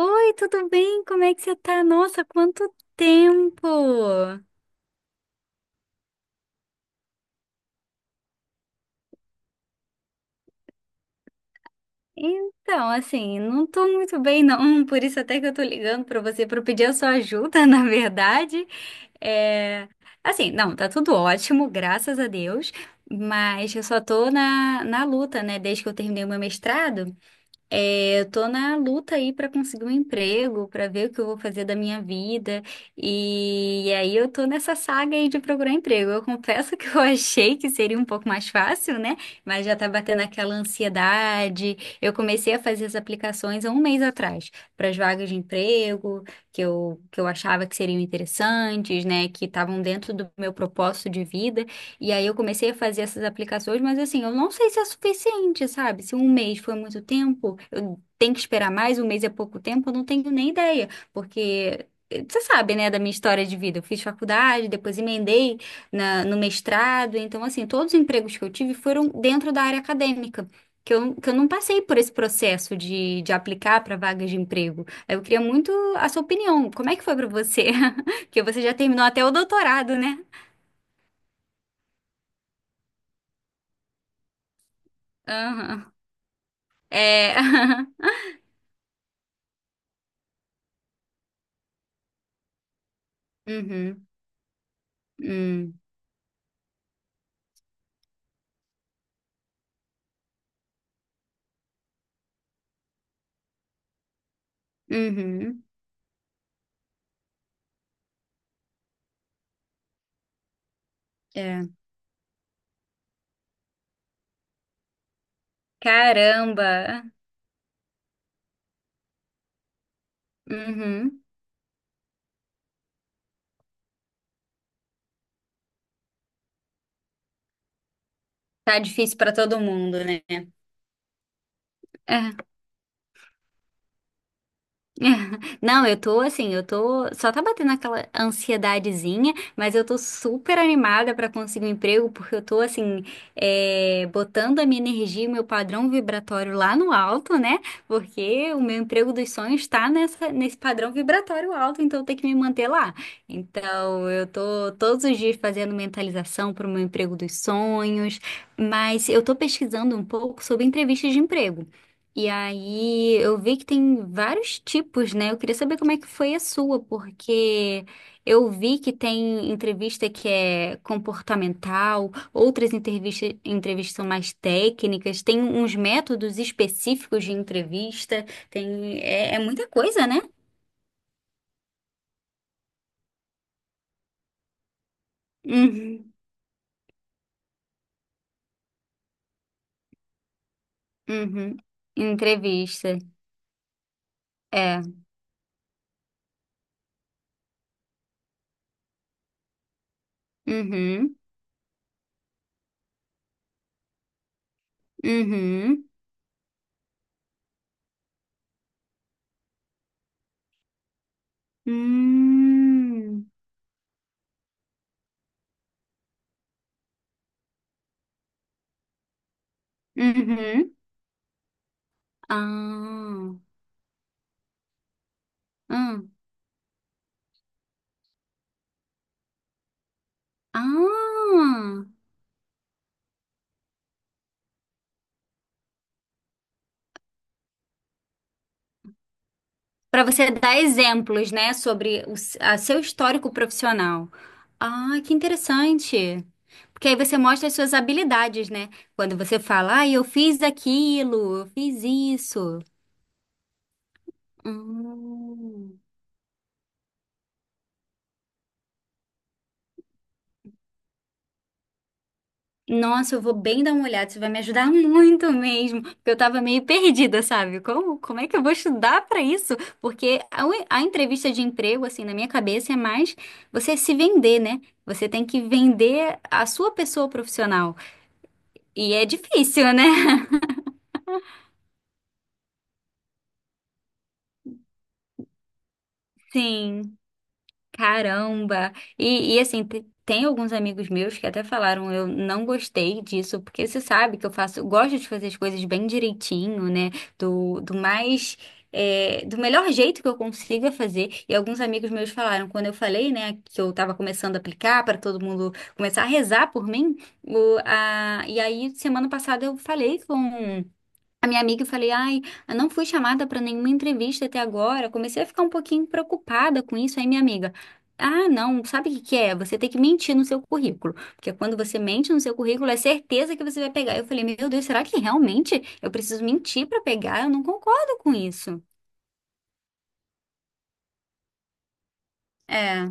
Oi, tudo bem? Como é que você tá? Nossa, quanto tempo! Então, assim, não tô muito bem não, por isso até que eu tô ligando pra você pra pedir a sua ajuda, na verdade. É... Assim, não, tá tudo ótimo, graças a Deus, mas eu só tô na luta, né, desde que eu terminei o meu mestrado. É, eu tô na luta aí para conseguir um emprego, para ver o que eu vou fazer da minha vida. E aí eu tô nessa saga aí de procurar emprego. Eu confesso que eu achei que seria um pouco mais fácil, né? Mas já tá batendo aquela ansiedade. Eu comecei a fazer as aplicações há um mês atrás para as vagas de emprego que eu achava que seriam interessantes, né? Que estavam dentro do meu propósito de vida. E aí eu comecei a fazer essas aplicações, mas assim, eu não sei se é suficiente, sabe? Se um mês foi muito tempo, eu tenho que esperar mais, um mês é pouco tempo, eu não tenho nem ideia, porque você sabe, né, da minha história de vida. Eu fiz faculdade, depois emendei no mestrado, então assim, todos os empregos que eu tive foram dentro da área acadêmica. Que eu não passei por esse processo de aplicar para vagas de emprego. Eu queria muito a sua opinião. Como é que foi para você? Porque você já terminou até o doutorado, né? Aham. É. Uhum. Hum. Uhum. É. Caramba. Uhum. Tá difícil pra todo mundo, né? É. Não, eu tô assim, eu tô. Só tá batendo aquela ansiedadezinha, mas eu tô super animada pra conseguir um emprego, porque eu tô assim, é, botando a minha energia, e o meu padrão vibratório lá no alto, né? Porque o meu emprego dos sonhos tá nesse padrão vibratório alto, então eu tenho que me manter lá. Então, eu tô todos os dias fazendo mentalização pro meu emprego dos sonhos, mas eu tô pesquisando um pouco sobre entrevistas de emprego. E aí, eu vi que tem vários tipos, né? Eu queria saber como é que foi a sua, porque eu vi que tem entrevista que é comportamental, outras entrevistas, entrevistas são mais técnicas, tem uns métodos específicos de entrevista, tem, é, é muita coisa, né? Uhum, uhum. Entrevista, é. Uhum, uhum. Hum, uhum. Ah, ah. Ah, para você dar exemplos, né, sobre a seu histórico profissional. Ah, que interessante. Porque aí você mostra as suas habilidades, né? Quando você fala, ah, eu fiz aquilo, eu fiz isso. Hum. Nossa, eu vou bem dar uma olhada, isso vai me ajudar muito mesmo. Porque eu tava meio perdida, sabe? Como é que eu vou estudar para isso? Porque a entrevista de emprego, assim, na minha cabeça é mais você se vender, né? Você tem que vender a sua pessoa profissional. E é difícil, né? Sim, caramba. E assim, tem alguns amigos meus que até falaram, eu não gostei disso, porque você sabe que eu faço, eu gosto de fazer as coisas bem direitinho, né? Do mais, é, do melhor jeito que eu consiga fazer. E alguns amigos meus falaram, quando eu falei, né, que eu tava começando a aplicar para todo mundo começar a rezar por mim, o, a, e aí semana passada eu falei com a minha amiga e falei, ai, eu não fui chamada para nenhuma entrevista até agora. Comecei a ficar um pouquinho preocupada com isso. Aí minha amiga, ah, não, sabe o que que é? Você tem que mentir no seu currículo. Porque quando você mente no seu currículo, é certeza que você vai pegar. Eu falei, meu Deus, será que realmente eu preciso mentir para pegar? Eu não concordo com isso. É.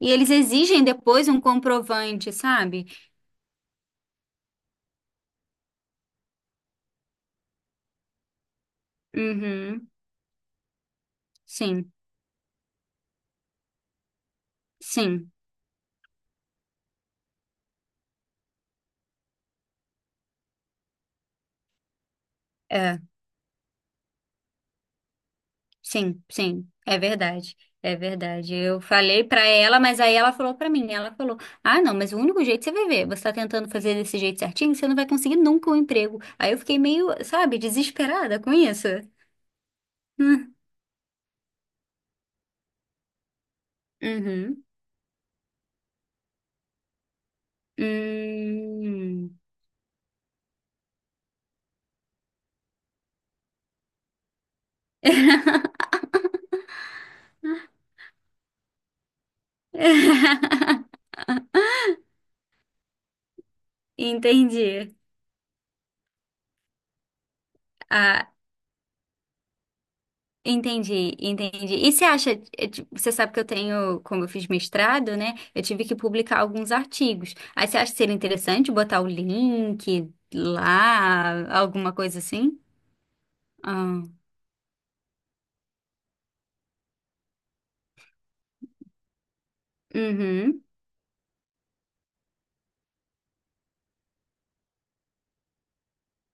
E eles exigem depois um comprovante, sabe? Uhum. Sim, sim. É. Sim, sim, é verdade. É verdade. Eu falei pra ela, mas aí ela falou pra mim, ela falou: "Ah, não, mas o único jeito você vai ver, você tá tentando fazer desse jeito certinho, você não vai conseguir nunca um emprego". Aí eu fiquei meio, sabe, desesperada com isso. Hum, uhum. Hum. Entendi. Ah, entendi, entendi. E você acha, você sabe que eu tenho, como eu fiz mestrado, né? Eu tive que publicar alguns artigos. Aí você acha que seria interessante botar o link lá, alguma coisa assim? Ah, uhum,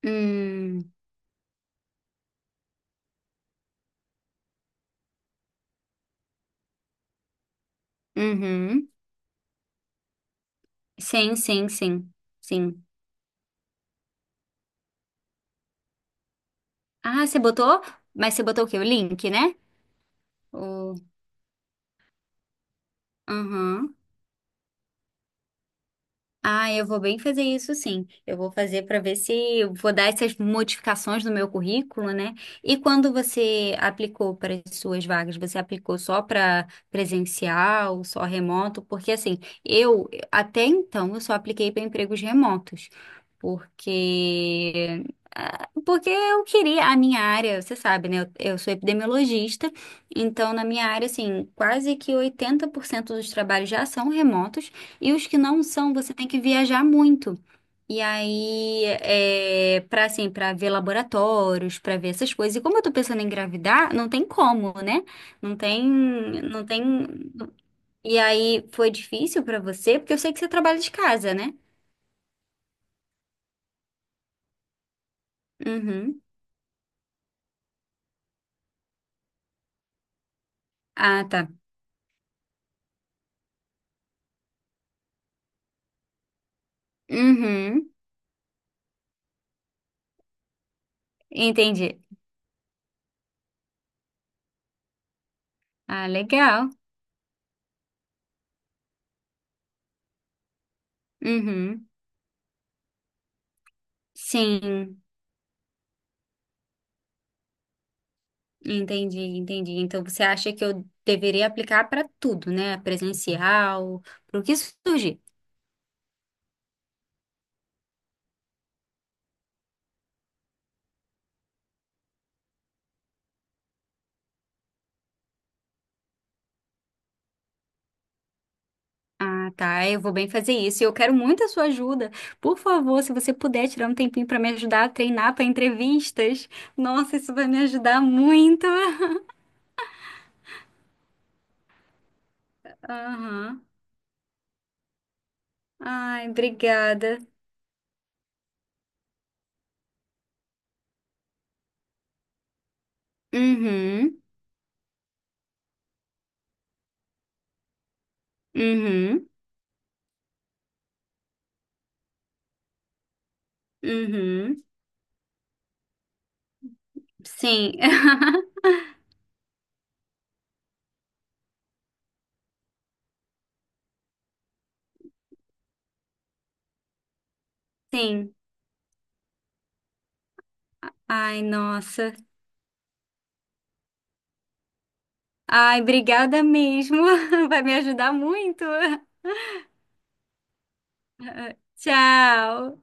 hum, uhum. Sim, sim, sim, sim. Ah, você botou? Mas você botou o quê? O link, né? O, uhum. Ah, eu vou bem fazer isso sim. Eu vou fazer para ver se eu vou dar essas modificações no meu currículo, né? E quando você aplicou para as suas vagas, você aplicou só para presencial, só remoto? Porque assim, eu até então eu só apliquei para empregos remotos porque ah, porque eu queria a minha área, você sabe, né? Eu sou epidemiologista, então na minha área, assim, quase que 80% dos trabalhos já são remotos e os que não são, você tem que viajar muito. E aí, é, para assim, para ver laboratórios, para ver essas coisas. E como eu tô pensando em engravidar, não tem como, né? Não tem, não tem. E aí, foi difícil para você, porque eu sei que você trabalha de casa, né? Uhum. Ah, tá. Uhum, entendi. Ah, legal. Uhum, sim, entendi, entendi. Então você acha que eu deveria aplicar para tudo, né? Presencial, para o que surgir. Ah, tá, eu vou bem fazer isso. E eu quero muito a sua ajuda. Por favor, se você puder tirar um tempinho para me ajudar a treinar para entrevistas. Nossa, isso vai me ajudar muito. Aham. Ai, obrigada. Uhum, uhum, uhum. Sim. Sim. Ai, nossa. Ai, obrigada mesmo. Vai me ajudar muito. Tchau.